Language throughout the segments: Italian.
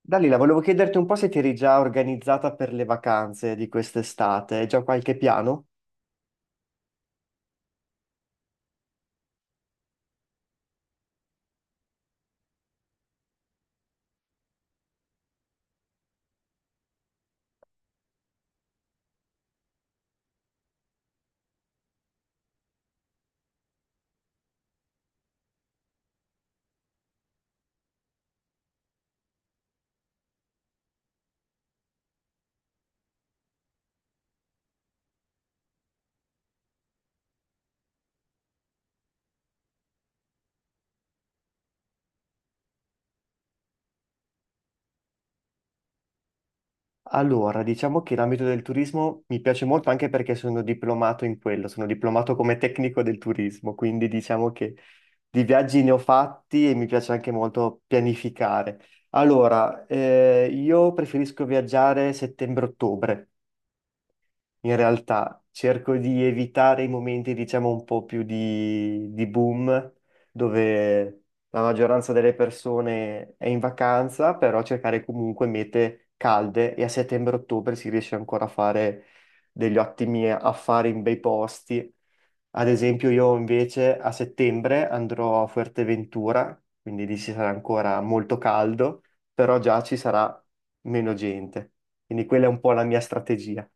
Dalila, volevo chiederti un po' se ti eri già organizzata per le vacanze di quest'estate, hai già qualche piano? Allora, diciamo che l'ambito del turismo mi piace molto anche perché sono diplomato in quello, sono diplomato come tecnico del turismo, quindi diciamo che di viaggi ne ho fatti e mi piace anche molto pianificare. Allora, io preferisco viaggiare settembre-ottobre. In realtà cerco di evitare i momenti, diciamo, un po' più di boom, dove la maggioranza delle persone è in vacanza, però cercare comunque mete calde e a settembre-ottobre si riesce ancora a fare degli ottimi affari in bei posti. Ad esempio io invece a settembre andrò a Fuerteventura, quindi lì ci sarà ancora molto caldo, però già ci sarà meno gente. Quindi quella è un po' la mia strategia.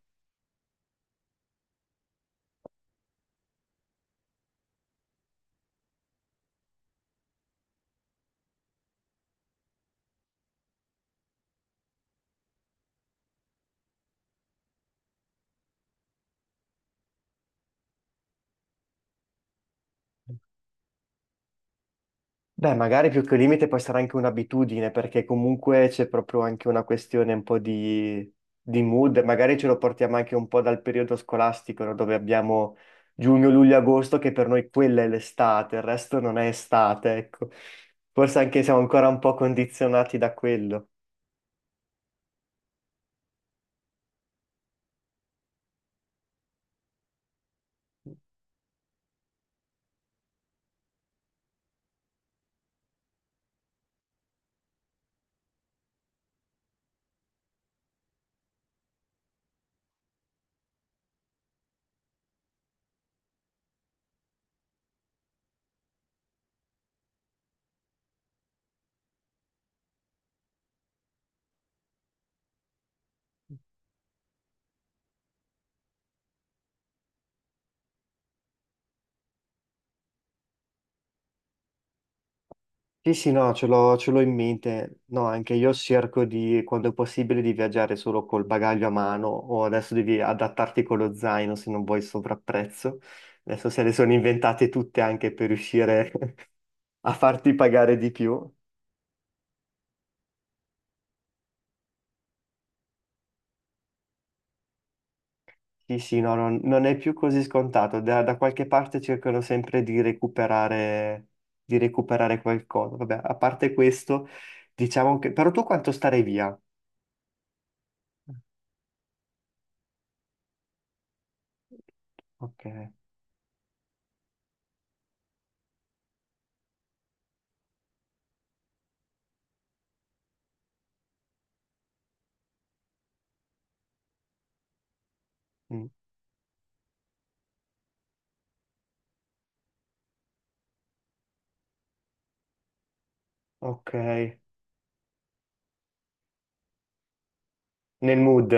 Beh, magari più che un limite può essere anche un'abitudine, perché comunque c'è proprio anche una questione un po' di mood, magari ce lo portiamo anche un po' dal periodo scolastico, no? Dove abbiamo giugno, luglio, agosto, che per noi quella è l'estate, il resto non è estate, ecco. Forse anche siamo ancora un po' condizionati da quello. Sì, sì, no, ce l'ho in mente. No, anche io cerco di, quando è possibile, di viaggiare solo col bagaglio a mano o adesso devi adattarti con lo zaino se non vuoi sovrapprezzo. Adesso se le sono inventate tutte anche per riuscire a farti pagare di più. Sì, sì, no, non è più così scontato. Da qualche parte cercano sempre di recuperare qualcosa. Vabbè, a parte questo, diciamo che... Però tu quanto starei via? Ok, mm, ok, nel mood.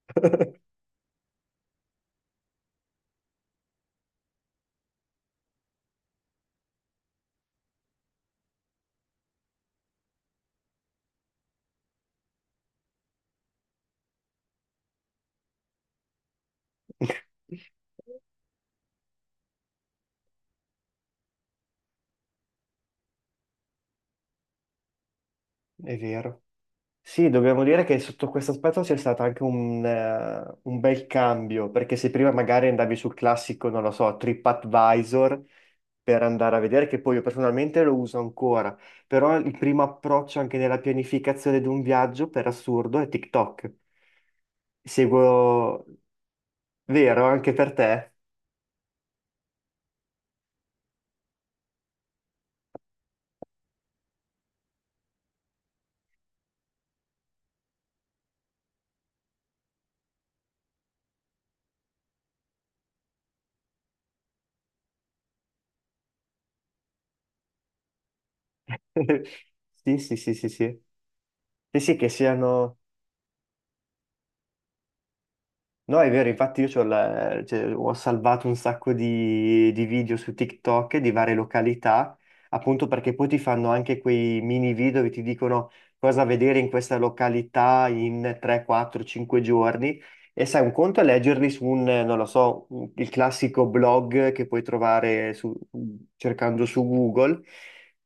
È vero. Sì, dobbiamo dire che sotto questo aspetto c'è stato anche un bel cambio, perché se prima magari andavi sul classico, non lo so, TripAdvisor per andare a vedere, che poi io personalmente lo uso ancora, però il primo approccio anche nella pianificazione di un viaggio, per assurdo, è TikTok. Seguo, vero, anche per te. Sì, sì, sì, sì, sì. Sì, sì, che siano... No, è vero, infatti io c'ho la- cioè, ho salvato un sacco di video su TikTok di varie località, appunto perché poi ti fanno anche quei mini video che ti dicono cosa vedere in questa località in 3, 4, 5 giorni. E sai, un conto è leggerli su un, non lo so, un- il classico blog che puoi trovare su- cercando su Google.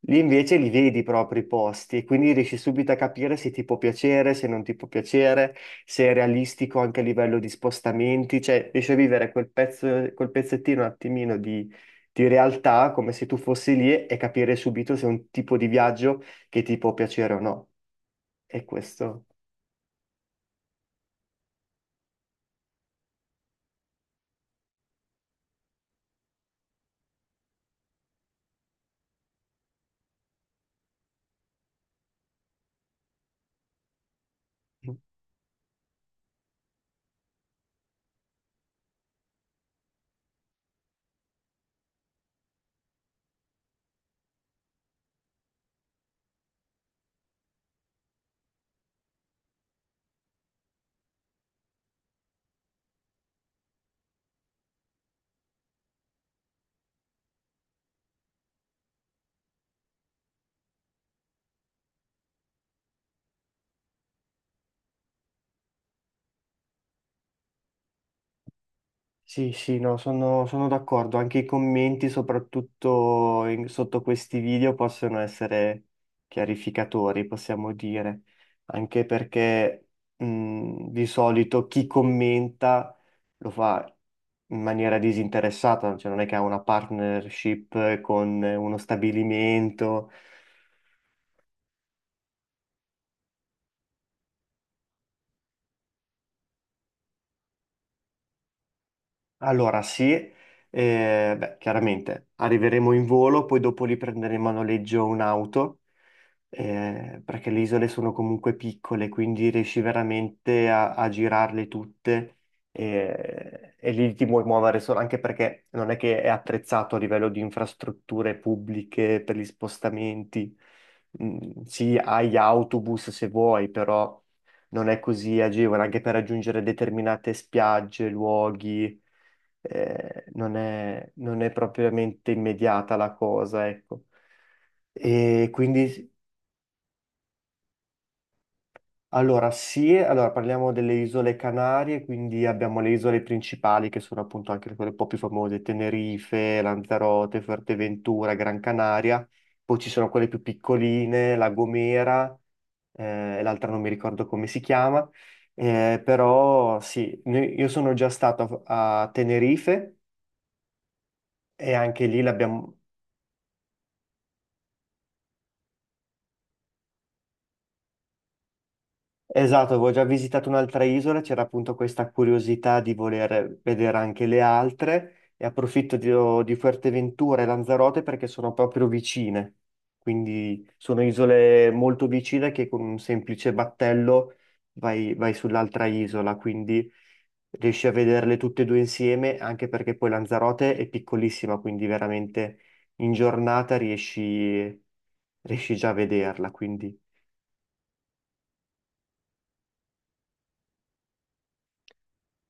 Lì invece li vedi proprio i posti e quindi riesci subito a capire se ti può piacere, se non ti può piacere, se è realistico anche a livello di spostamenti, cioè riesci a vivere quel pezzo, quel pezzettino un attimino di realtà come se tu fossi lì e capire subito se è un tipo di viaggio che ti può piacere o no. E questo. Sì, sì, no, sono d'accordo. Anche i commenti, soprattutto in- sotto questi video, possono essere chiarificatori, possiamo dire. Anche perché di solito chi commenta lo fa in maniera disinteressata, cioè non è che ha una partnership con uno stabilimento. Allora, sì, beh, chiaramente arriveremo in volo, poi dopo lì prenderemo a noleggio un'auto perché le isole sono comunque piccole, quindi riesci veramente a, a girarle tutte lì ti puoi muovere solo, anche perché non è che è attrezzato a livello di infrastrutture pubbliche per gli spostamenti. Mm, sì, hai autobus se vuoi, però non è così agevole, anche per raggiungere determinate spiagge, luoghi, non è, non è propriamente immediata la cosa, ecco. E quindi allora, sì, allora parliamo delle isole Canarie, quindi abbiamo le isole principali che sono appunto anche quelle un po' più famose, Tenerife, Lanzarote, Fuerteventura, Gran Canaria, poi ci sono quelle più piccoline, La Gomera, e l'altra non mi ricordo come si chiama, però sì, noi- io sono già stato a, a Tenerife e anche lì l'abbiamo. Esatto, avevo già visitato un'altra isola, c'era appunto questa curiosità di voler vedere anche le altre e approfitto di Fuerteventura e Lanzarote perché sono proprio vicine, quindi sono isole molto vicine che con un semplice battello vai sull'altra isola, quindi riesci a vederle tutte e due insieme, anche perché poi Lanzarote è piccolissima, quindi veramente in giornata riesci già a vederla, quindi...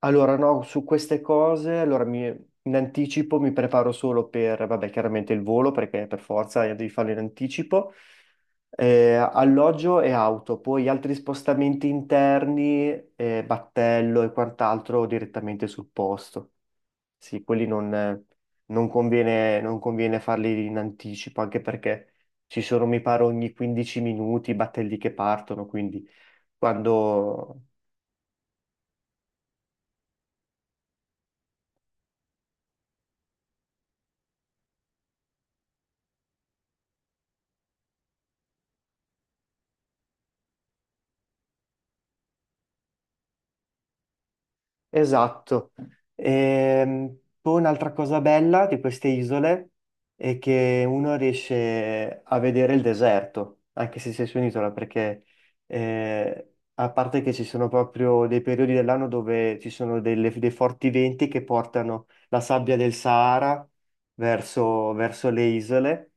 Allora, no, su queste cose, allora mi- in anticipo mi preparo solo per, vabbè, chiaramente il volo, perché per forza devi farlo in anticipo, alloggio e auto, poi altri spostamenti interni, battello e quant'altro direttamente sul posto. Sì, quelli non, non conviene, non conviene farli in anticipo, anche perché ci sono, mi pare, ogni 15 minuti i battelli che partono, quindi quando Esatto. Poi un'altra cosa bella di queste isole è che uno riesce a vedere il deserto, anche se sei su un'isola, perché a parte che ci sono proprio dei periodi dell'anno dove ci sono delle- dei forti venti che portano la sabbia del Sahara verso le isole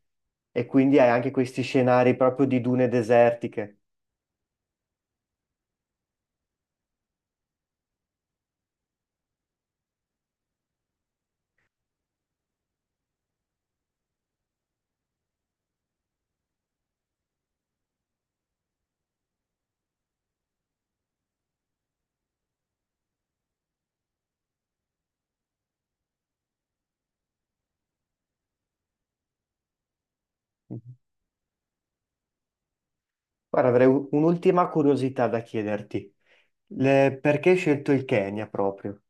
e quindi hai anche questi scenari proprio di dune desertiche. Mhm. Guarda, avrei u- un'ultima curiosità da chiederti. Le- perché hai scelto il Kenya proprio?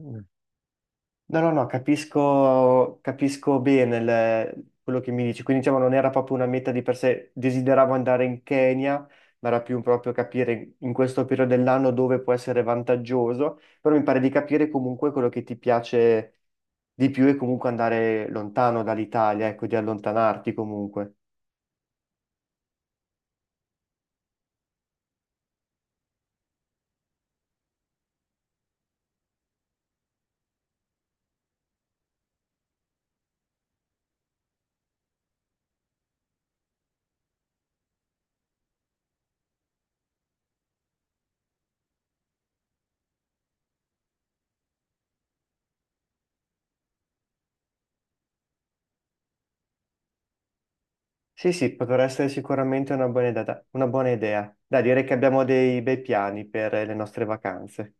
Mm. No, no, no, capisco, capisco bene il- quello che mi dici. Quindi, diciamo, non era proprio una meta di per sé. Desideravo andare in Kenya, ma era più un proprio capire in questo periodo dell'anno dove può essere vantaggioso. Però mi pare di capire comunque quello che ti piace di più e comunque andare lontano dall'Italia, ecco, di allontanarti comunque. Sì, sì, potrà essere sicuramente una buona idea. Una buona idea. Da dire che abbiamo dei bei piani per le nostre vacanze.